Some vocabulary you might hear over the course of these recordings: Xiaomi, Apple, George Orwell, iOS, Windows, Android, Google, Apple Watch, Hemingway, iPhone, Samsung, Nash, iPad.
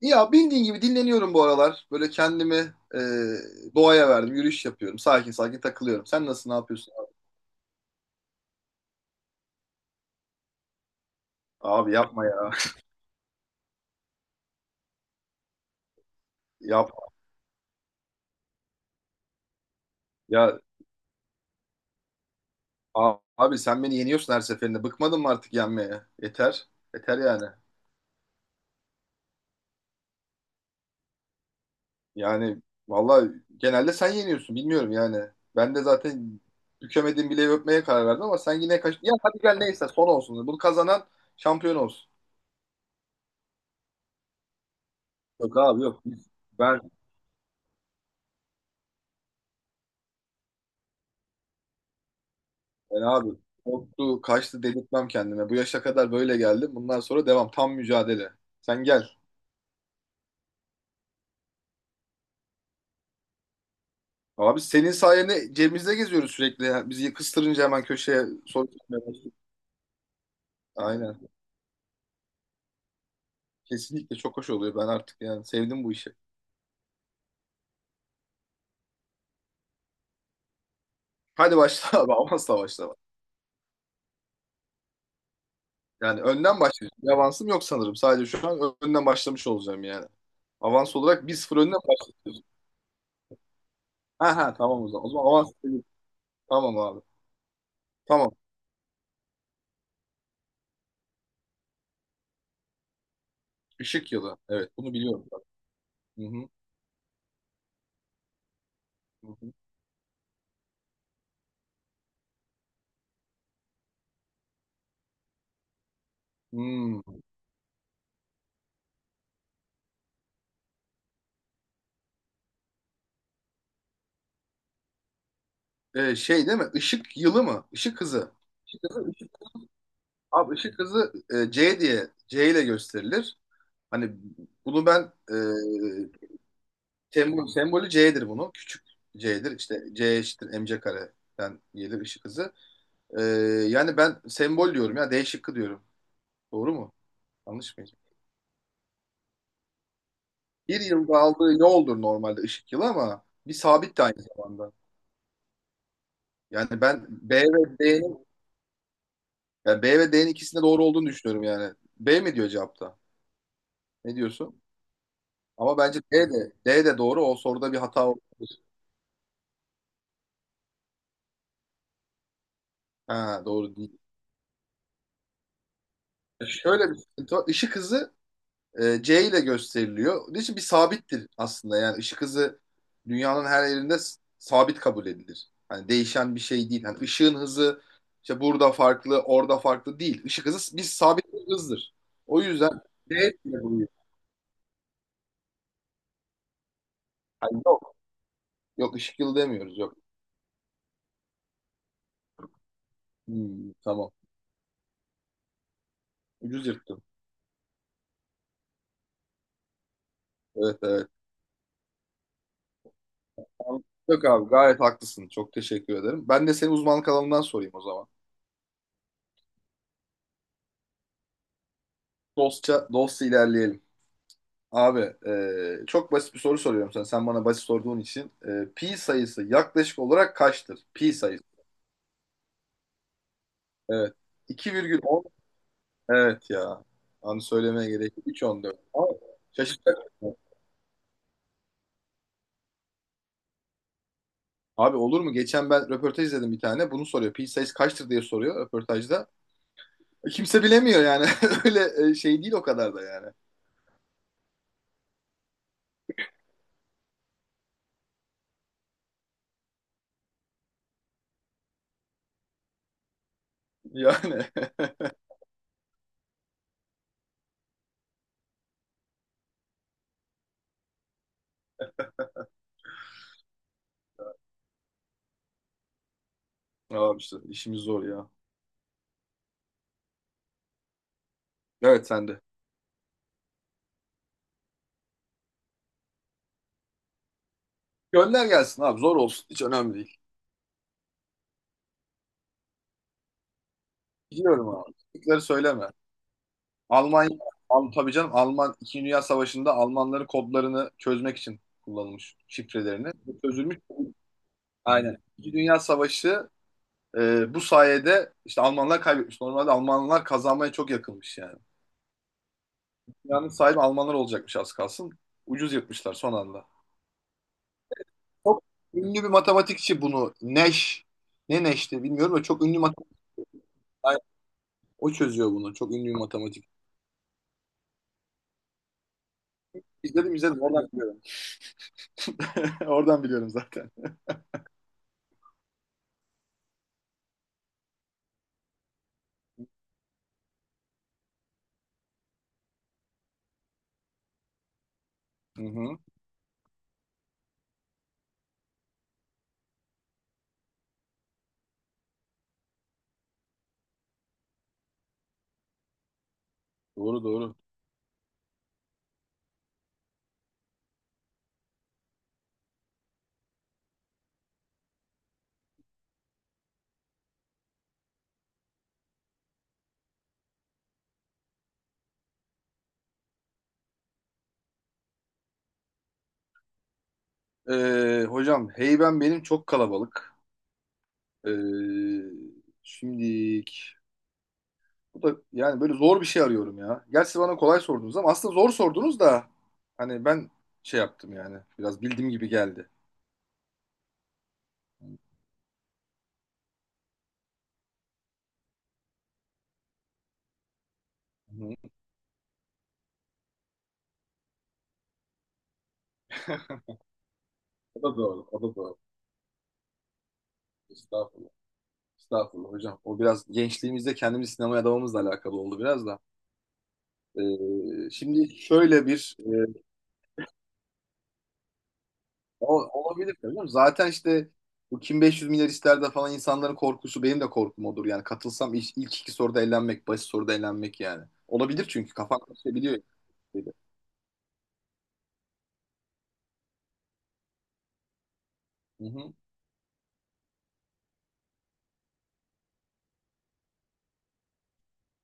Ya bildiğin gibi dinleniyorum bu aralar. Böyle kendimi e, doğaya verdim. Yürüyüş yapıyorum. Sakin sakin takılıyorum. Sen nasıl ne yapıyorsun abi? Abi yapma ya. Yapma. Ya Abi sen beni yeniyorsun her seferinde. Bıkmadın mı artık yenmeye? Yeter. Yeter yani. Yani vallahi genelde sen yeniyorsun. Bilmiyorum yani. Ben de zaten bükemediğim bileği öpmeye karar verdim ama sen yine kaç... Ya hadi gel neyse son olsun. Bunu kazanan şampiyon olsun. Yok abi yok. Ben Yani abi korktu, kaçtı dedirtmem kendime. Bu yaşa kadar böyle geldim. Bundan sonra devam. Tam mücadele. Sen gel. Abi senin sayende cebimizde geziyoruz sürekli ya. Bizi kıstırınca hemen köşeye soru sormaya başlıyoruz. Aynen. Kesinlikle çok hoş oluyor. Ben artık yani sevdim bu işi. Hadi başla abi. Amasla başla. Yani önden başlayacağım. Bir avansım yok sanırım. Sadece şu an önden başlamış olacağım yani. Avans olarak 1-0 önden başlıyoruz. Ha ha, tamam o zaman. O zaman avans. Tamam abi. Tamam. Işık yılı. Evet, bunu biliyorum. Hı hı. Hı hı. Hmm. Şey değil mi? Işık yılı mı? Işık hızı. Işık hızı, ışık. Abi ışık hızı C diye, C ile gösterilir. Hani bunu ben sembolü C'dir bunun. Küçük C'dir. İşte C eşittir mc kareden gelir ışık hızı. E, Yani ben sembol diyorum ya. D şıkkı diyorum. Doğru mu? Yanlış mıyım? Bir yılda aldığı yoldur normalde ışık yılı, ama bir sabit de aynı zamanda. Yani ben B ve D'nin, ikisinde doğru olduğunu düşünüyorum yani. B mi diyor cevapta? Ne diyorsun? Ama bence D de doğru. O soruda bir hata olabilir. Ha, doğru değil. Şöyle bir sıkıntı var. Işık hızı C ile gösteriliyor. Onun için bir sabittir aslında. Yani ışık hızı dünyanın her yerinde sabit kabul edilir. Hani değişen bir şey değil. Hani ışığın hızı işte burada farklı, orada farklı değil. Işık hızı bir sabit bir hızdır. O yüzden D ile buluyor. Hani yok, yok, ışık yılı demiyoruz, yok. Hmm, tamam. Ucuz yırttım. Evet, evet. Yok abi, gayet haklısın. Çok teşekkür ederim. Ben de senin uzmanlık alanından sorayım o zaman. Dostça, dostça ilerleyelim. Abi çok basit bir soru soruyorum sana. Sen bana basit sorduğun için. Pi sayısı yaklaşık olarak kaçtır? Pi sayısı. Evet. 2,10. Evet ya. Anı söylemeye gerek yok. 3,14. Abi, şaşırtacak mısın? Abi, olur mu? Geçen ben röportaj izledim bir tane. Bunu soruyor. Pi sayısı kaçtır diye soruyor röportajda. Kimse bilemiyor yani. Öyle şey değil o kadar da yani. Yani. Abi işte işimiz zor ya. Evet, sende. Gönder gelsin abi, zor olsun. Hiç önemli değil. Biliyorum abi. Teknikleri söyleme. Almanya, tabii canım, Alman 2. Dünya Savaşı'nda Almanların kodlarını çözmek için kullanılmış şifrelerini. Bu çözülmüş. Aynen. 2. Dünya Savaşı bu sayede işte Almanlar kaybetmiş. Normalde Almanlar kazanmaya çok yakınmış yani. Dünyanın sahibi Almanlar olacakmış az kalsın. Ucuz yırtmışlar son anda. Çok ünlü bir matematikçi bunu. Nash. Ne Nash'ti bilmiyorum da, çok ünlü matematikçi. O çözüyor bunu. Çok ünlü bir matematikçi. İzledim, izledim, oradan biliyorum. Oradan biliyorum zaten. Hı hı. Doğru, doğru. Hocam, heyben benim çok kalabalık. Ee, Şimdilik bu da yani böyle zor bir şey arıyorum ya. Gerçi bana kolay sordunuz ama aslında zor sordunuz da, hani ben şey yaptım yani, biraz bildiğim gibi geldi. Hı hı. O da doğru, o da doğru. Estağfurullah. Estağfurullah hocam. O biraz gençliğimizde kendimizi sinemaya adamamızla alakalı oldu biraz da. Şimdi şöyle bir... O, olabilir tabii canım. Zaten işte bu Kim 500 Milyar ister de falan, insanların korkusu, benim de korkum odur. Yani katılsam ilk iki soruda elenmek, basit soruda elenmek yani. Olabilir, çünkü kafan karışabiliyor. Dedi Hı hı.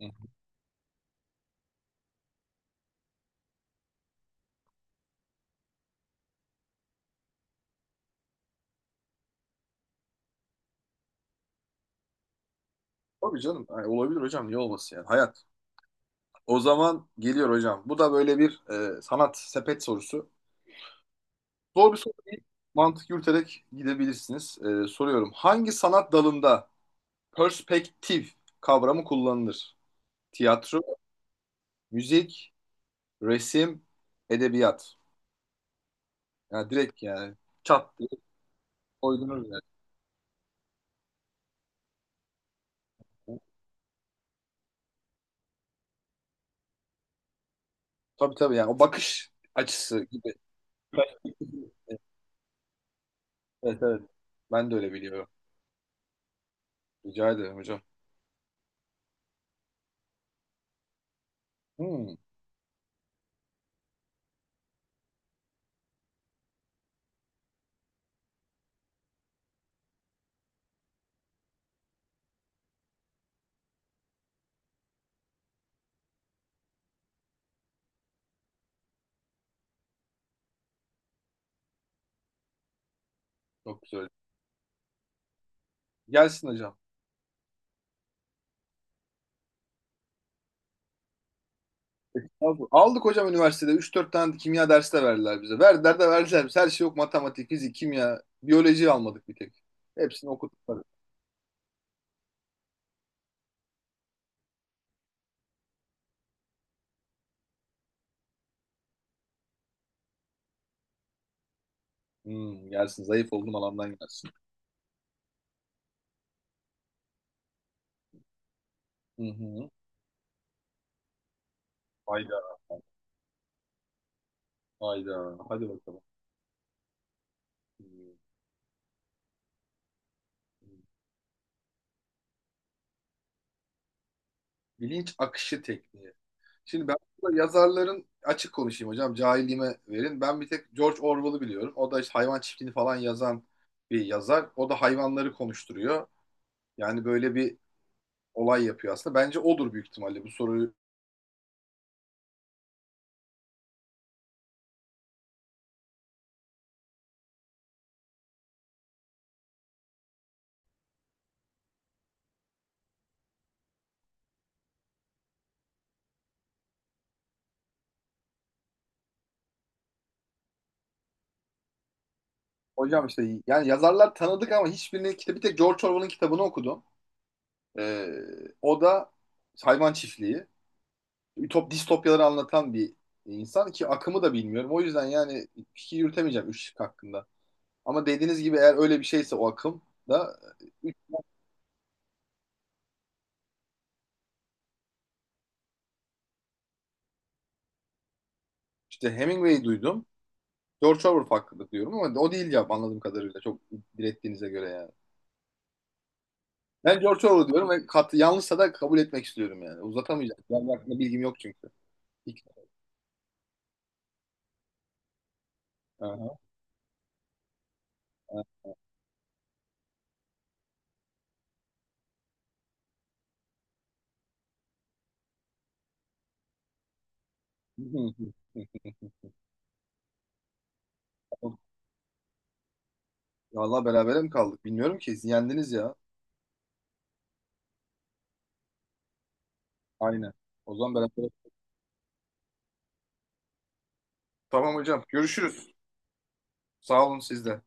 Hı. Tabii canım. Ay, olabilir hocam. Niye olmasın yani? Hayat. O zaman geliyor hocam. Bu da böyle bir sanat sepet sorusu. Zor bir soru değil. Mantık yürüterek gidebilirsiniz. Soruyorum. Hangi sanat dalında perspektif kavramı kullanılır? Tiyatro, müzik, resim, edebiyat. Yani direkt yani çat diye koydunuz yani. Tabii tabii, yani o bakış açısı gibi. Evet, evet. Ben de öyle biliyorum. Rica ederim hocam. Hmm, çok güzel. Gelsin hocam. Aldık, aldık hocam, üniversitede. Üç dört tane kimya dersi de verdiler bize. Verdiler de verdiler bize. Her şey, yok. Matematik, fizik, kimya, biyoloji almadık bir tek. Hepsini okuduk tabii. Hmm, gelsin. Zayıf olduğum alandan gelsin. Hı hı. Hayda. Hayda. Hadi bakalım. Hmm. Hmm. Bilinç akışı tekniği. Şimdi ben burada yazarların, açık konuşayım hocam, cahilliğime verin, ben bir tek George Orwell'ı biliyorum. O da işte hayvan çiftliğini falan yazan bir yazar. O da hayvanları konuşturuyor. Yani böyle bir olay yapıyor aslında. Bence odur büyük ihtimalle bu soruyu. Hocam işte yani yazarlar tanıdık ama hiçbirinin kitabı, bir tek George Orwell'ın kitabını okudum. Ee, O da hayvan çiftliği. Distopyaları anlatan bir insan ki, akımı da bilmiyorum. O yüzden yani fikir yürütemeyeceğim üç şık hakkında. Ama dediğiniz gibi, eğer öyle bir şeyse o akım da e, işte Hemingway'i duydum. George Orwell hakkında diyorum ama o değil cevap, anladığım kadarıyla, çok direttiğinize göre yani. Ben George Orwell diyorum ve yanlışsa da kabul etmek istiyorum yani. Uzatamayacağım. Yani hakkında bilgim yok çünkü. İlk- Aha. Aha. Vallahi berabere mi kaldık? Bilmiyorum ki. Siz yendiniz ya. Aynen. O zaman beraber. Tamam hocam. Görüşürüz. Sağ olun siz de.